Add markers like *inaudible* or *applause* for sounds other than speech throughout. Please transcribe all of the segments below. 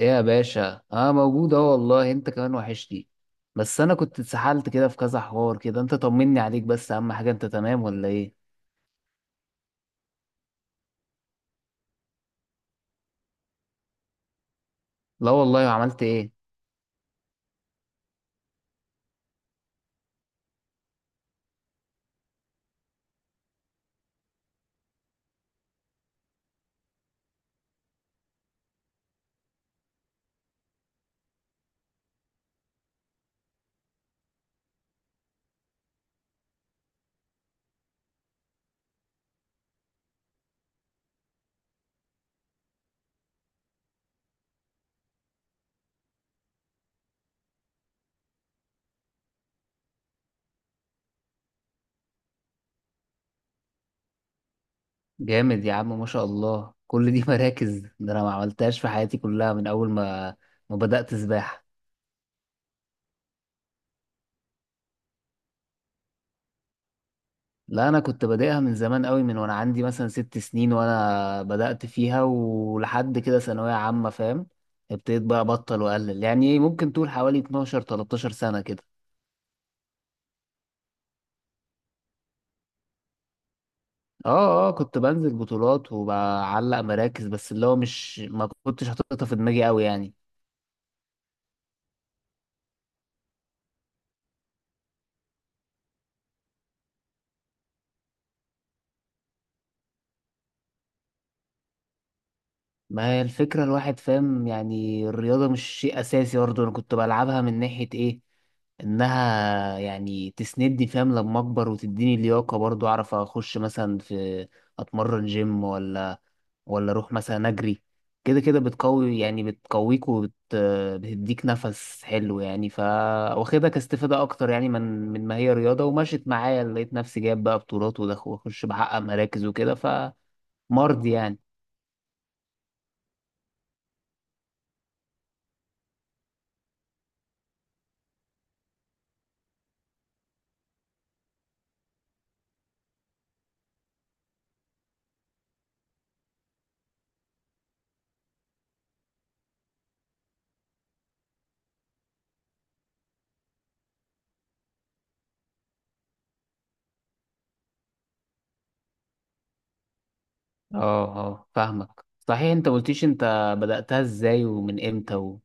ايه يا باشا، اه، موجود اهو. والله انت كمان وحشني. بس انا كنت اتسحلت كده في كذا حوار كده، انت طمني عليك، بس اهم حاجة انت تمام ولا ايه؟ لا والله، عملت ايه؟ جامد يا عم، ما شاء الله كل دي *laughs* مراكز. ده انا ما عملتهاش في حياتي كلها من اول ما بدأت سباحة. لا انا كنت بادئها من زمان قوي، من وانا عندي مثلا ست سنين وانا بدأت فيها، ولحد كده ثانوية عامة، فاهم؟ ابتديت بقى ابطل واقلل، يعني إيه، ممكن تقول حوالي 12 13 سنة كده. اه اه، كنت بنزل بطولات وبعلق مراكز، بس اللي هو مش ما كنتش حاططها في دماغي قوي يعني. ما هي الفكرة، الواحد فاهم يعني الرياضة مش شيء أساسي برضه. أنا كنت بلعبها من ناحية إيه، إنها يعني تسندني، فاهم، لما أكبر، وتديني لياقة برضه، أعرف أخش مثلا في، أتمرن جيم، ولا اروح مثلا اجري. كده كده بتقوي، يعني بتقويك، بتديك نفس حلو يعني. واخدها كاستفادة اكتر يعني، من ما هي رياضة. ومشيت معايا لقيت نفسي جايب بقى بطولات، واخش بحقق مراكز وكده، فمرضي يعني. اه اه، فاهمك. صحيح انت قلتيش انت بدأتها ازاي ومن امتى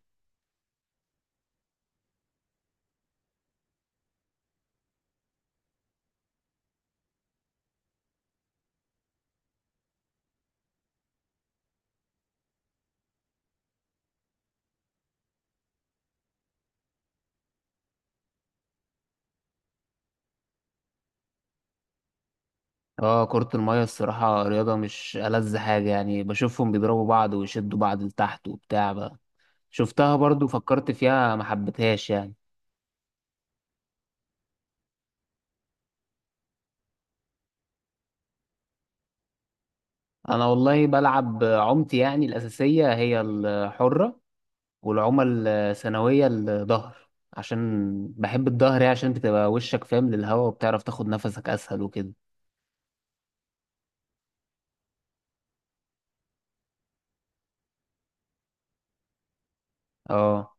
اه، كرة المية الصراحة رياضة مش ألذ حاجة. يعني بشوفهم بيضربوا بعض ويشدوا بعض لتحت وبتاع بقى. شفتها برضو، فكرت فيها، ما حبيتهاش يعني. انا والله بلعب عمتي، يعني الاساسيه هي الحره، والعمى الثانويه الظهر، عشان بحب الظهر، يعني عشان بتبقى وشك فاهم للهواء وبتعرف تاخد نفسك اسهل وكده. اه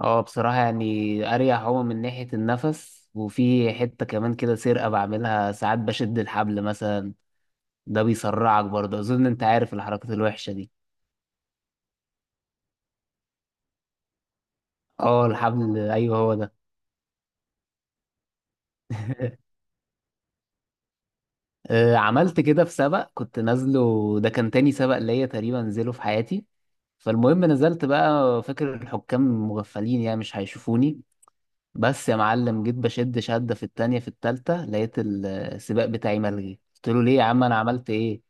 اه، بصراحه يعني اريح عمى من ناحيه النفس، وفي حته كمان كده سرقه بعملها ساعات، بشد الحبل مثلا، ده بيسرعك برضه. اظن انت عارف الحركات الوحشه دي. اه الحبل، ايوه هو ده. *laughs* عملت كده في سبق كنت نازله، ده كان تاني سبق ليا تقريبا نزله في حياتي. فالمهم نزلت بقى، فاكر الحكام مغفلين، يعني مش هيشوفوني. بس يا معلم جيت بشد شدة في التانية في التالتة، لقيت السباق بتاعي ملغي. قلت له ليه يا عم، انا عملت ايه؟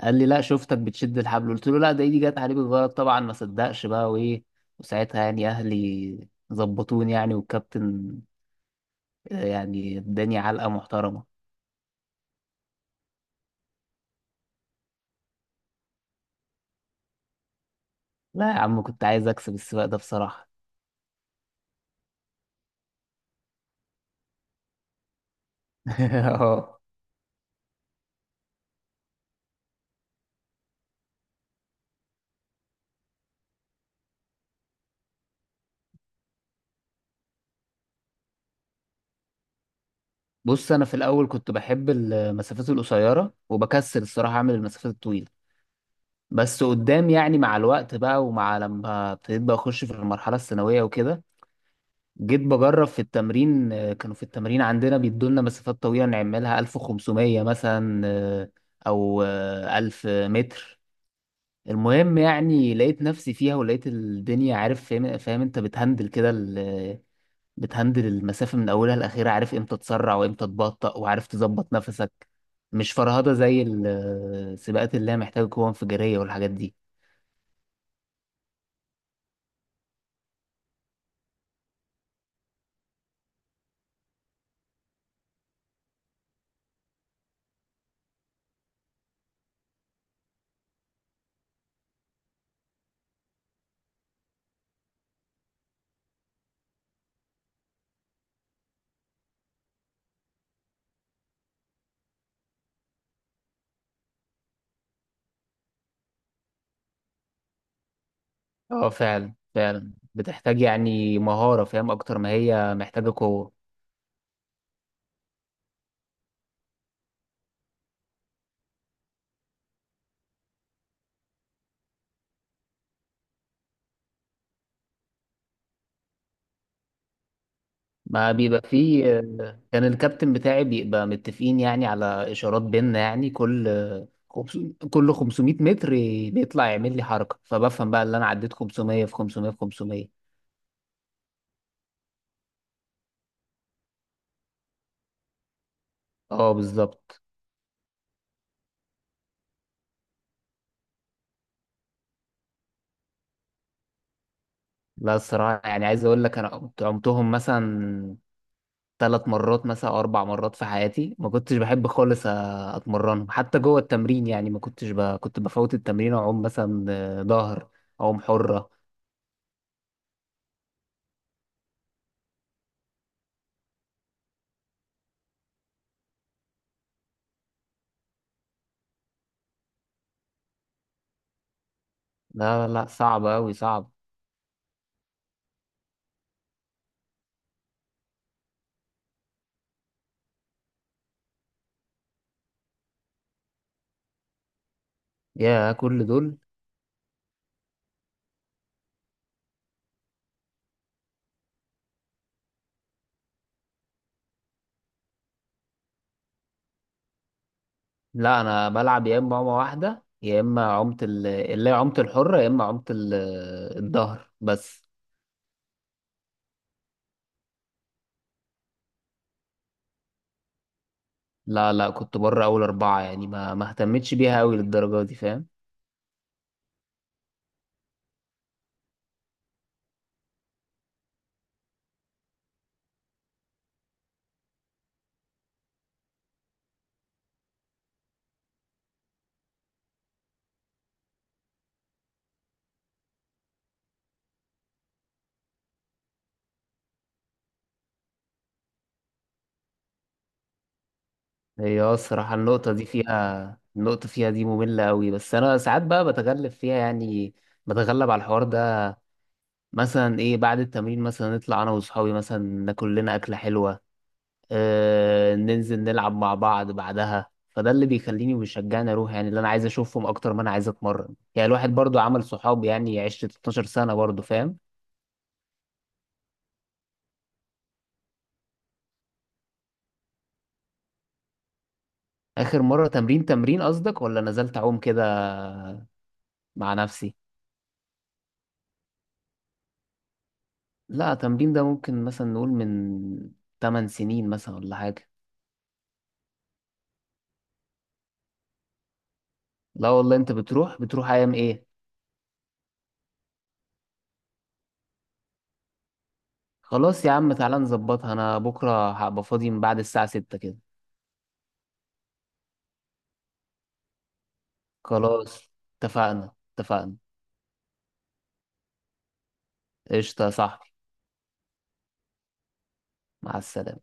قال لي لا، شفتك بتشد الحبل. قلت له لا، ده ايدي جت عليه بالغلط. طبعا ما صدقش بقى وايه. وساعتها يعني اهلي ظبطوني، يعني والكابتن، يعني اداني علقة محترمة. لا يا عم، كنت عايز اكسب السباق ده بصراحة. *laughs* اه، بص، انا في الاول كنت بحب المسافات القصيره وبكسل الصراحه اعمل المسافات الطويله. بس قدام يعني مع الوقت بقى، ومع لما ابتديت بقى اخش في المرحله الثانويه وكده، جيت بجرب في التمرين. كانوا في التمرين عندنا بيدولنا مسافات طويله نعملها 1500 مثلا، او 1000 متر. المهم يعني لقيت نفسي فيها، ولقيت الدنيا، عارف، فاهم انت بتهندل كده، بتهندل المسافة من أولها لآخرها، عارف إمتى تسرع وإمتى تبطأ وعارف تظبط نفسك. مش فرهضة زي السباقات اللي هي محتاجة قوة انفجارية والحاجات دي. اه، فعلا فعلا بتحتاج يعني مهارة، فاهم، أكتر ما هي محتاجة قوة. ما بيبقى فيه. كان الكابتن بتاعي بيبقى متفقين يعني على إشارات بينا، يعني كل كل 500 متر بيطلع يعمل لي حركة، فبفهم بقى اللي أنا عديت 500 في 500 في 500. اه بالظبط. لا الصراحة، يعني عايز أقول لك أنا كنت عمتهم مثلا ثلاث مرات مثلا أو أربع مرات في حياتي. ما كنتش بحب خالص أتمرنهم حتى جوه التمرين، يعني ما كنتش كنت بفوت التمرين وأعوم مثلا ظهر، أعوم حرة. لا لا، صعب أوي، صعب. يا كل دول. لا، أنا بلعب يا إما عومة واحدة يا إما عومة اللي هي عومة الحرة، يا إما عومة الظهر بس. لا لا، كنت بره أول أربعة، يعني ما اهتمتش بيها أوي للدرجة دي، فاهم؟ هي اه الصراحة، النقطة دي فيها، النقطة فيها دي مملة أوي. بس أنا ساعات بقى بتغلب فيها، يعني بتغلب على الحوار ده. مثلا إيه، بعد التمرين مثلا نطلع أنا وأصحابي مثلا، ناكل لنا أكلة حلوة، آه ننزل نلعب مع بعض بعدها. فده اللي بيخليني وبيشجعني أروح، يعني اللي أنا عايز أشوفهم أكتر ما أنا عايز أتمرن، يعني الواحد برضو عمل صحاب، يعني عشت 12 سنة برضو، فاهم؟ آخر مرة تمرين قصدك، ولا نزلت أعوم كده مع نفسي؟ لا تمرين ده ممكن مثلا نقول من 8 سنين مثلا ولا حاجة. لا والله، انت بتروح ايام ايه؟ خلاص يا عم، تعالى نظبطها. انا بكرة هبقى فاضي من بعد الساعة 6 كده. خلاص. اتفقنا اتفقنا. قشطة يا صاحبي. مع السلامة.